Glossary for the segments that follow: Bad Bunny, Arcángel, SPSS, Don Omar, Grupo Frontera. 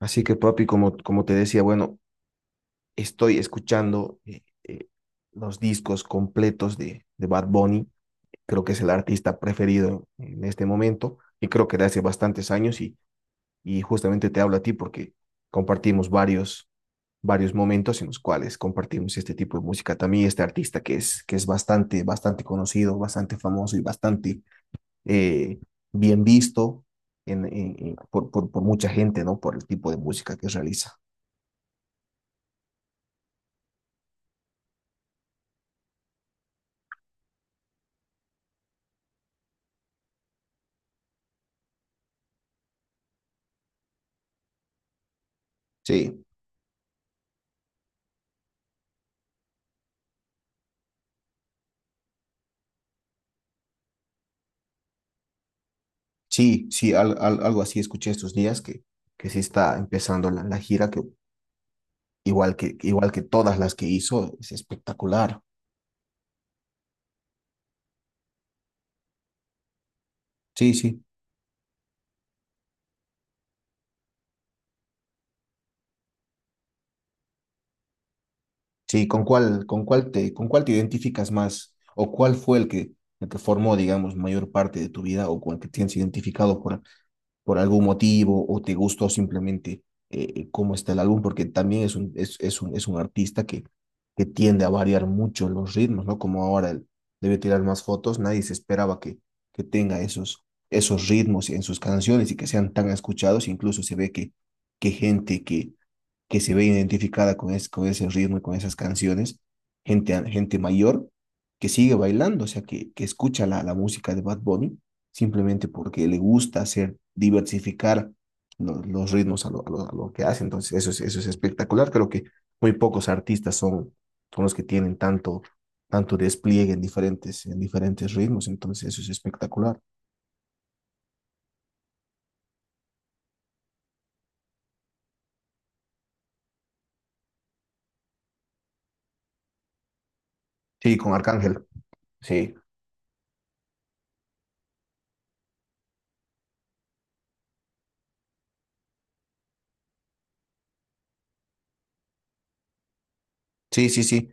Así que, papi, como te decía, bueno, estoy escuchando los discos completos de Bad Bunny. Creo que es el artista preferido en este momento y creo que de hace bastantes años y justamente te hablo a ti porque compartimos varios momentos en los cuales compartimos este tipo de música. También este artista que es bastante conocido, bastante famoso y bastante eh, bien visto por mucha gente, ¿no? Por el tipo de música que realiza. Sí. Sí, sí, algo así escuché estos días que sí está empezando la gira, que igual que igual que todas las que hizo, es espectacular. Sí, sí, sí, con cuál te identificas más? ¿O cuál fue el que formó, digamos, mayor parte de tu vida o con el que tienes identificado por algún motivo o te gustó simplemente cómo está el álbum, porque también es un artista que tiende a variar mucho los ritmos, ¿no? Como ahora él debe tirar más fotos, nadie se esperaba que tenga esos, esos ritmos en sus canciones y que sean tan escuchados, incluso se ve que gente que se ve identificada con, es, con ese ritmo y con esas canciones, gente mayor que sigue bailando, o sea, que escucha la música de Bad Bunny simplemente porque le gusta hacer, diversificar los ritmos a lo, a, lo, a lo, que hace. Entonces, eso es espectacular. Creo que muy pocos artistas son, son los que tienen tanto, tanto despliegue en diferentes ritmos. Entonces, eso es espectacular. Sí, con Arcángel. Sí, sí, sí, sí.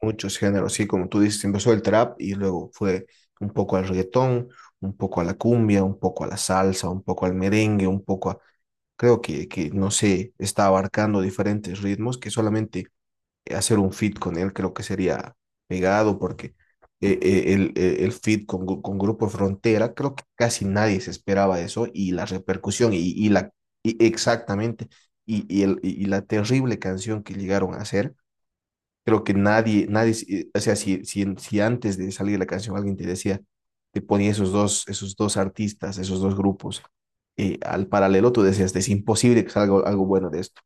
Muchos géneros, sí, como tú dices, empezó el trap y luego fue un poco al reggaetón, un poco a la cumbia, un poco a la salsa, un poco al merengue, un poco a... Creo que no sé, está abarcando diferentes ritmos que solamente hacer un fit con él creo que sería pegado porque el fit con, con Grupo Frontera, creo que casi nadie se esperaba eso y la repercusión y la... Y exactamente, y el, y la terrible canción que llegaron a hacer. Creo que nadie, si, o sea, si, si, si antes de salir la canción alguien te decía, te ponía esos dos artistas, esos dos grupos, al paralelo, tú decías, es imposible que salga algo bueno de esto.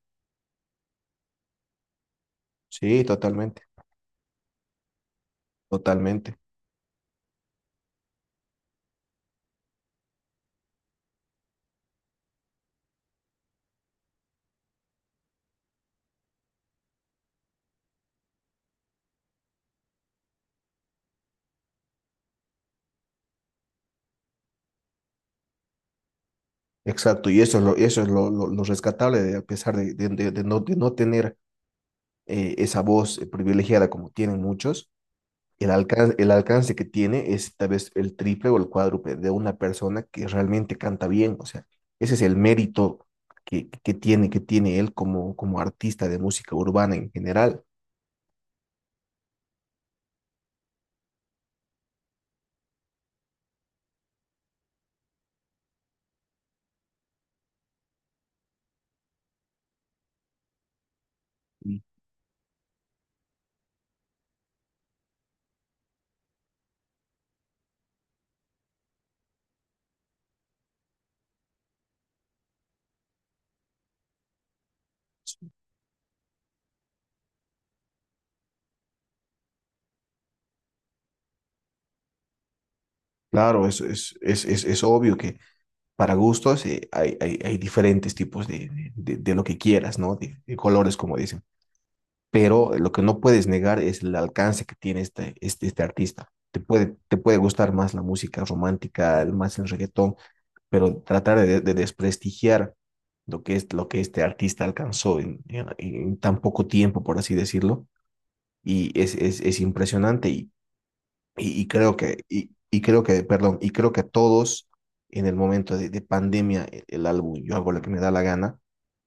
Sí, totalmente, totalmente. Exacto, y eso es lo rescatable, de, a pesar de, de no tener esa voz privilegiada como tienen muchos. El alcance que tiene es tal vez el triple o el cuádruple de una persona que realmente canta bien. O sea, ese es el mérito que tiene él como, como artista de música urbana en general. Y claro, es obvio que para gustos hay, hay, hay diferentes tipos de lo que quieras, ¿no? De colores, como dicen. Pero lo que no puedes negar es el alcance que tiene este, este, este artista. Te puede gustar más la música romántica, más el reggaetón, pero tratar de desprestigiar lo que, es, lo que este artista alcanzó en tan poco tiempo, por así decirlo, y es impresionante y, creo que, perdón, y creo que a todos en el momento de pandemia, el, álbum Yo hago lo que me da la gana,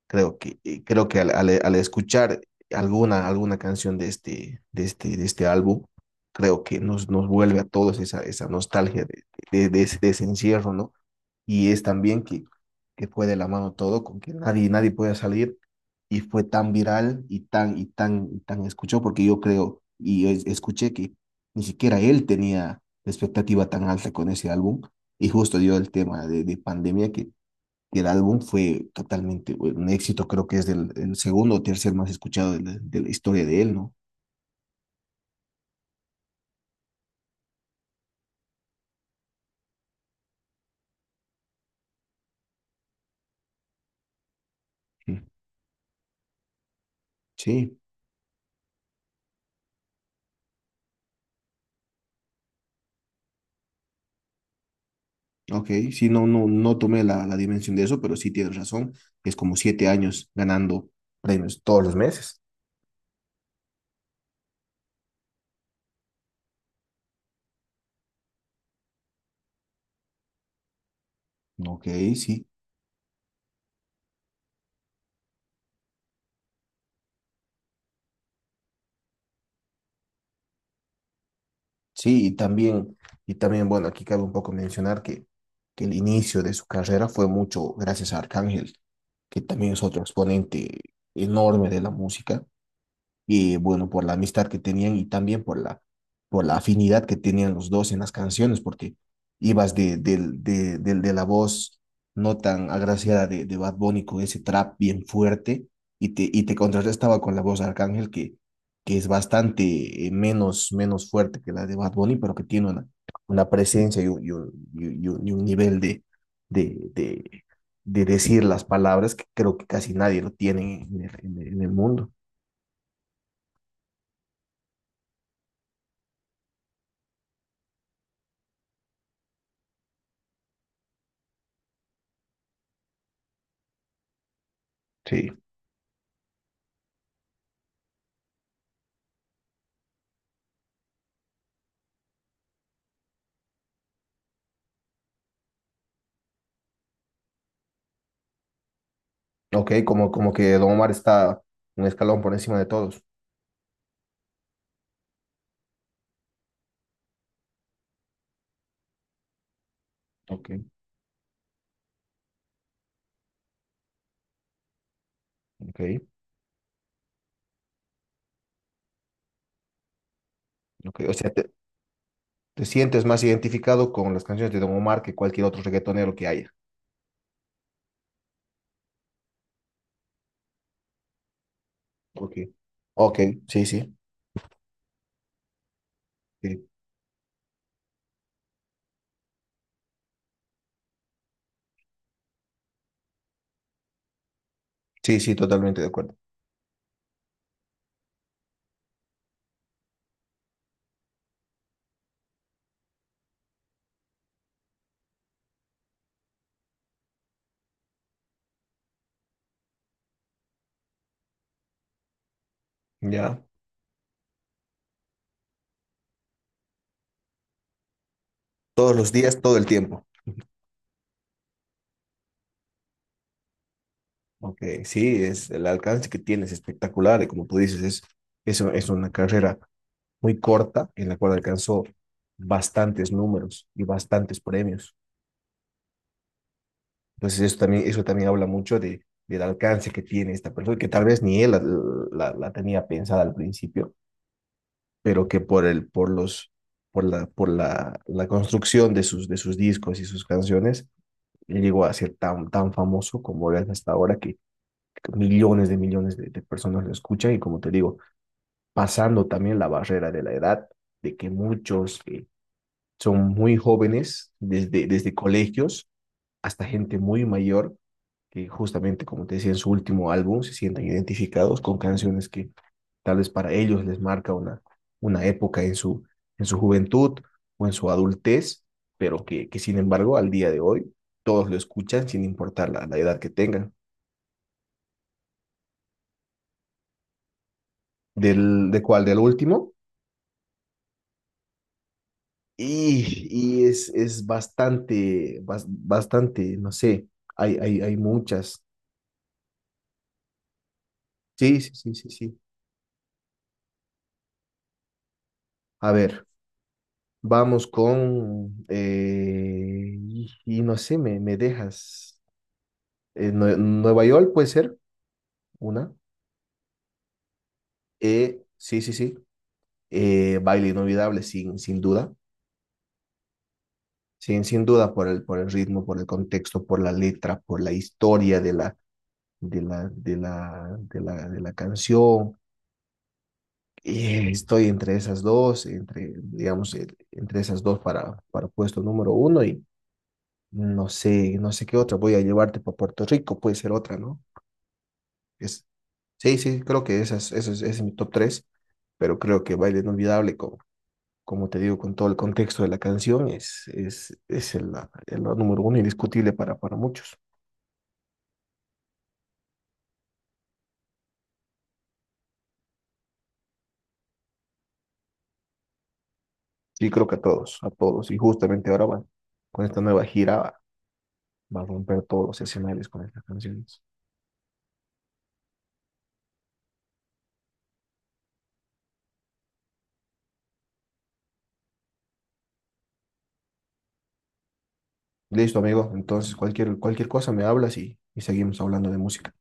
creo que al, al, al escuchar alguna, alguna canción de este, de este, de este álbum, creo que nos, nos vuelve a todos esa, esa nostalgia de ese encierro, ¿no? Y es también que fue de la mano todo, con que nadie, nadie podía salir y fue tan viral y tan, y tan, y tan escuchó, porque yo creo y escuché que ni siquiera él tenía la expectativa tan alta con ese álbum y justo dio el tema de pandemia que el álbum fue totalmente un éxito, creo que es del, el segundo o tercer más escuchado de la historia de él, ¿no? Sí. Sí. Ok, sí, no, no, no tomé la, la dimensión de eso, pero sí tienes razón. Es como siete años ganando premios todos los meses. Ok, sí, sí, y también, bueno, aquí cabe un poco mencionar que el inicio de su carrera fue mucho gracias a Arcángel, que también es otro exponente enorme de la música, y bueno, por la amistad que tenían y también por la afinidad que tenían los dos en las canciones, porque ibas de, de, de la voz no tan agraciada de Bad Bunny con ese trap bien fuerte y te contrarrestaba con la voz de Arcángel que es bastante menos, menos fuerte que la de Bad Bunny, pero que tiene una presencia y un, y un, y un nivel de, de, de decir las palabras que creo que casi nadie lo tiene en el, en el en el mundo. Sí. Ok, como, como que Don Omar está un escalón por encima de todos. Ok, ok, ok. O sea, te sientes más identificado con las canciones de Don Omar que cualquier otro reggaetonero que haya. Ok, ok, sí, sí. Sí, sí, sí, totalmente de acuerdo. Ya. Todos los días, todo el tiempo. Ok, sí, es el alcance que tienes espectacular y como tú dices, es una carrera muy corta en la cual alcanzó bastantes números y bastantes premios. Entonces eso también habla mucho de, del alcance que tiene esta persona, que tal vez ni él la, la, la tenía pensada al principio, pero que por, el, por, los, por la, la construcción de sus discos y sus canciones, llegó a ser tan, tan famoso como es hasta ahora, que millones de personas lo escuchan y como te digo, pasando también la barrera de la edad, de que muchos son muy jóvenes desde, desde colegios hasta gente muy mayor que justamente, como te decía, en su último álbum se sientan identificados con canciones que tal vez para ellos les marca una época en su juventud o en su adultez, pero que sin embargo al día de hoy todos lo escuchan sin importar la, la edad que tengan. Del, ¿de cuál? ¿Del último? Y es bastante, bastante, no sé, hay muchas. Sí, sí, sí, sí, sí. A ver, vamos con, y no sé, me dejas. Nueva York puede ser una. Sí, sí, sí. Baile inolvidable, sin, sin duda. Sin, sin duda por el ritmo, por el contexto, por la letra, por la historia de la, de la, de la, de la, de la canción. Estoy entre esas dos, entre, digamos, entre esas dos para puesto número uno y no sé, no sé qué otra. Voy a llevarte para Puerto Rico, puede ser otra, ¿no? Es, sí, sí, creo que esas, eso es, ese es mi top 3 pero creo que Baile Inolvidable, como, como te digo, con todo el contexto de la canción, es el número uno indiscutible para muchos. Sí creo que a todos, a todos. Y justamente ahora va, con esta nueva gira va, va a romper todos los escenarios con estas canciones. Listo, amigo. Entonces, cualquier, cualquier cosa me hablas y seguimos hablando de música.